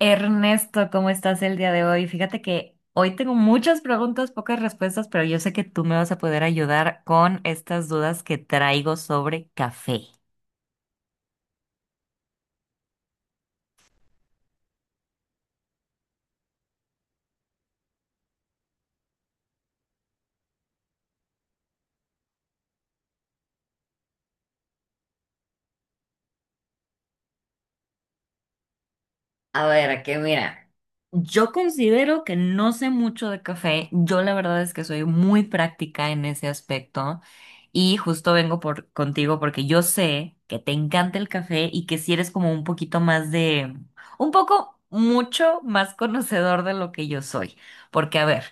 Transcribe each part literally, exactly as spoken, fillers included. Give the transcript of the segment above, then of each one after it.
Ernesto, ¿cómo estás el día de hoy? Fíjate que hoy tengo muchas preguntas, pocas respuestas, pero yo sé que tú me vas a poder ayudar con estas dudas que traigo sobre café. A ver, que mira, yo considero que no sé mucho de café. Yo la verdad es que soy muy práctica en ese aspecto y justo vengo por contigo porque yo sé que te encanta el café y que si eres como un poquito más de, un poco mucho más conocedor de lo que yo soy. Porque a ver.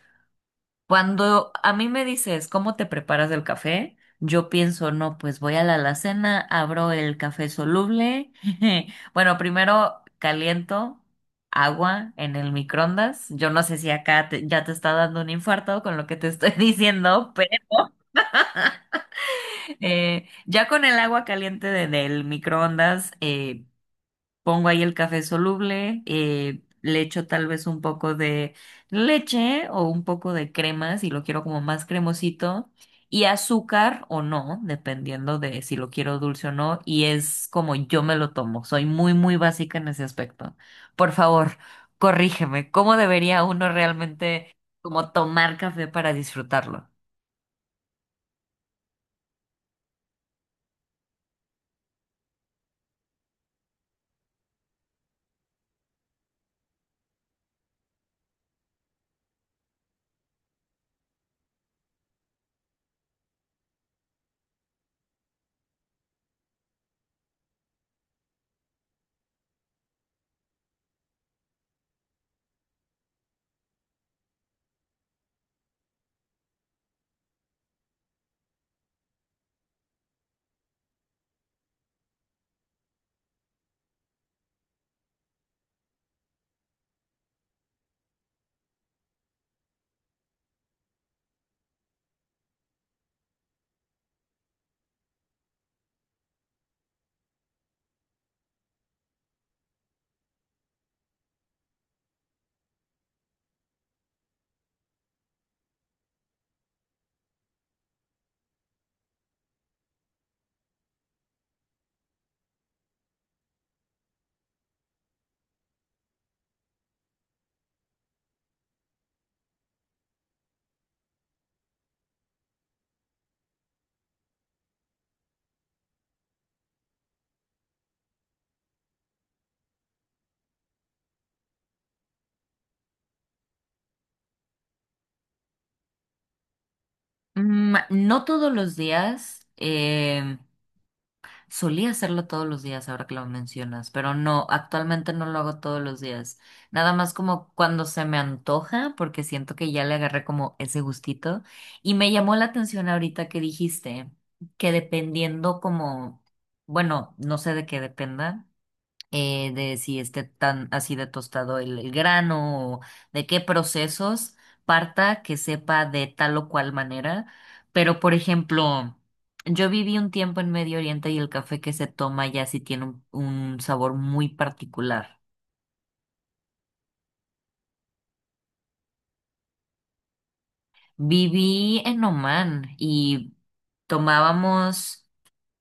Cuando a mí me dices cómo te preparas el café, yo pienso, no, pues voy a la alacena, abro el café soluble. Bueno, primero caliento agua en el microondas. Yo no sé si acá te- ya te está dando un infarto con lo que te estoy diciendo, pero eh, ya con el agua caliente de- del microondas, eh, pongo ahí el café soluble, eh, le echo tal vez un poco de leche o un poco de crema si lo quiero como más cremosito y azúcar o no, dependiendo de si lo quiero dulce o no. Y es como yo me lo tomo. Soy muy, muy básica en ese aspecto. Por favor, corrígeme. ¿Cómo debería uno realmente como tomar café para disfrutarlo? Mm, no todos los días. em, Solía hacerlo todos los días, ahora que lo mencionas, pero no, actualmente no lo hago todos los días. Nada más como cuando se me antoja, porque siento que ya le agarré como ese gustito. Y me llamó la atención ahorita que dijiste que dependiendo como, bueno, no sé de qué dependa, eh, de si esté tan así de tostado el, el grano o de qué procesos parta que sepa de tal o cual manera. Pero, por ejemplo, yo viví un tiempo en Medio Oriente y el café que se toma ya sí tiene un, un sabor muy particular. Viví en Oman y tomábamos.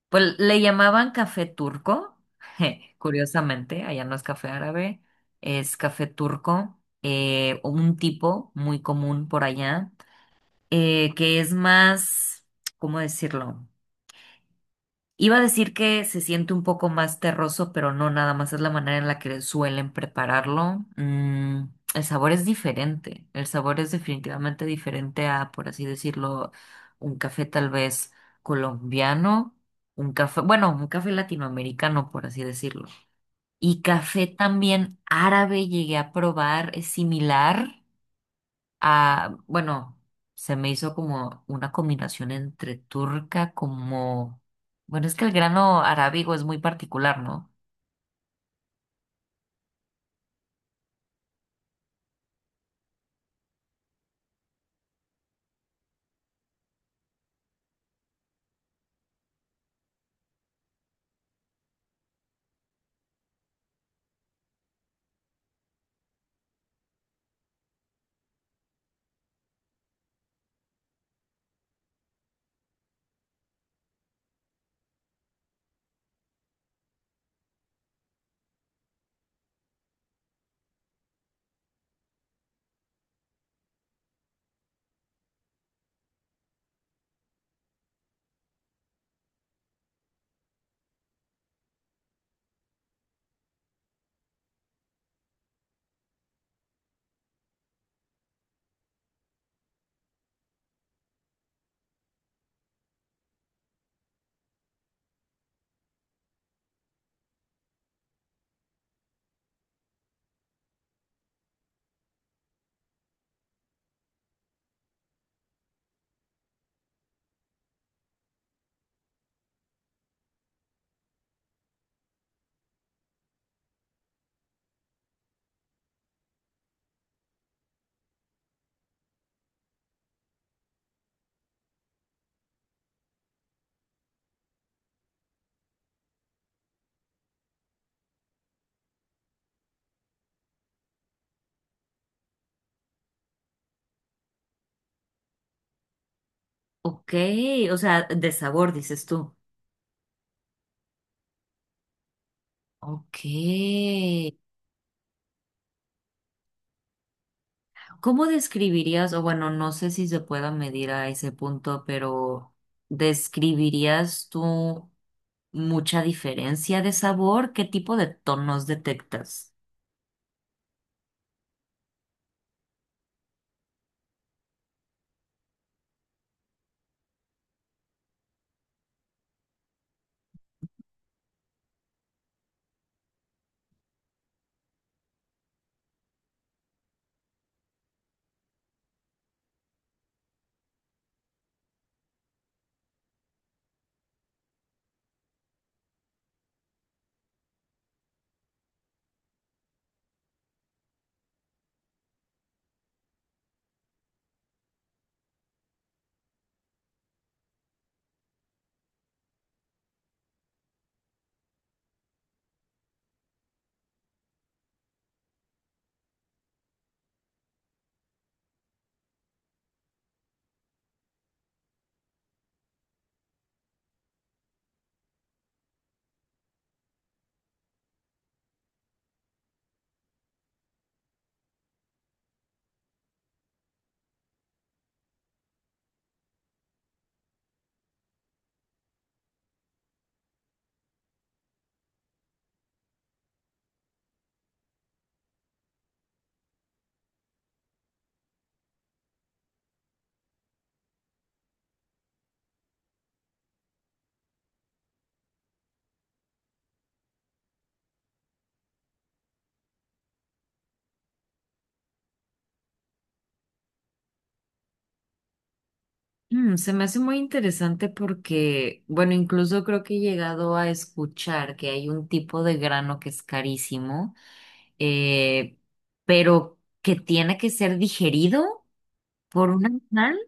Pues le llamaban café turco, curiosamente, allá no es café árabe, es café turco, eh, un tipo muy común por allá, eh, que es más, ¿cómo decirlo? Iba a decir que se siente un poco más terroso, pero no, nada más es la manera en la que suelen prepararlo. Mm, el sabor es diferente. El sabor es definitivamente diferente a, por así decirlo, un café tal vez colombiano, un café, bueno, un café latinoamericano, por así decirlo. Y café también árabe llegué a probar, es similar. Ah, bueno, se me hizo como una combinación entre turca como... Bueno, es que el grano arábigo es muy particular, ¿no? Ok, o sea, de sabor, dices tú. Ok. ¿Cómo describirías, o bueno, no sé si se pueda medir a ese punto, pero describirías tú mucha diferencia de sabor? ¿Qué tipo de tonos detectas? Mm, se me hace muy interesante porque, bueno, incluso creo que he llegado a escuchar que hay un tipo de grano que es carísimo, eh, pero que tiene que ser digerido por un animal.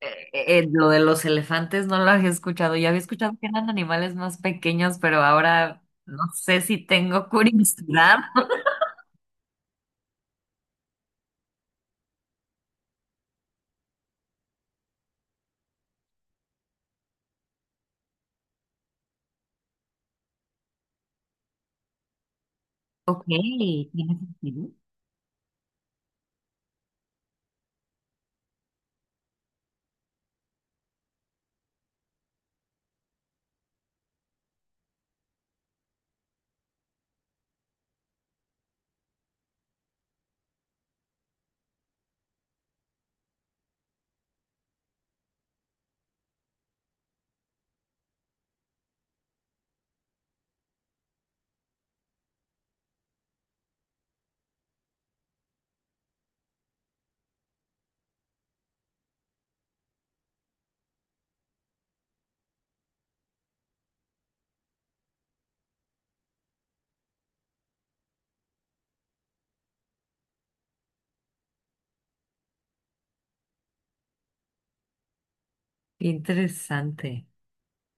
Eh, eh, eh, lo de los elefantes no lo había escuchado. Yo había escuchado que eran animales más pequeños, pero ahora no sé si tengo curiosidad. Ok, tiene sentido. Qué interesante.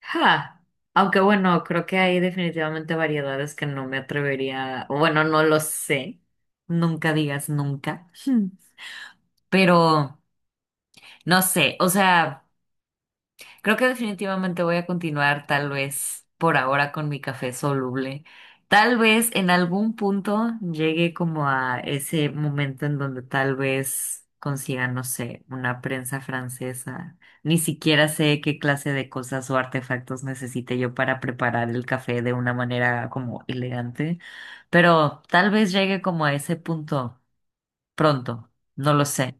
Ja, aunque bueno, creo que hay definitivamente variedades que no me atrevería, o bueno, no lo sé, nunca digas nunca, Hmm, pero no sé, o sea... Creo que definitivamente voy a continuar tal vez por ahora con mi café soluble. Tal vez en algún punto llegue como a ese momento en donde tal vez consiga, no sé, una prensa francesa. Ni siquiera sé qué clase de cosas o artefactos necesite yo para preparar el café de una manera como elegante, pero tal vez llegue como a ese punto pronto, no lo sé.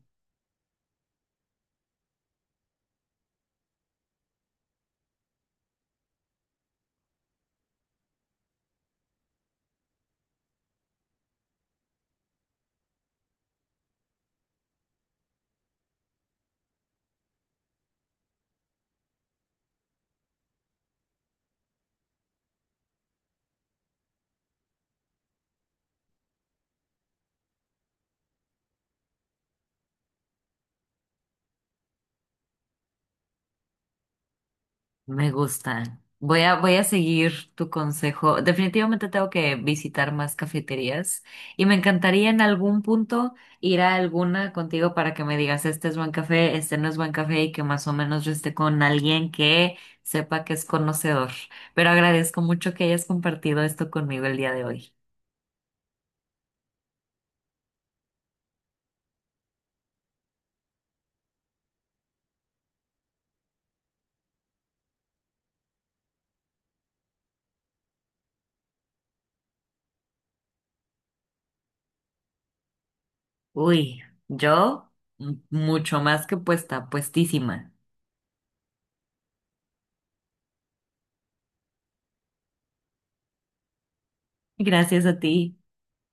Me gusta. Voy a, voy a seguir tu consejo. Definitivamente tengo que visitar más cafeterías y me encantaría en algún punto ir a alguna contigo para que me digas, este es buen café, este no es buen café y que más o menos yo esté con alguien que sepa que es conocedor. Pero agradezco mucho que hayas compartido esto conmigo el día de hoy. Uy, yo m- mucho más que puesta, puestísima. Gracias a ti.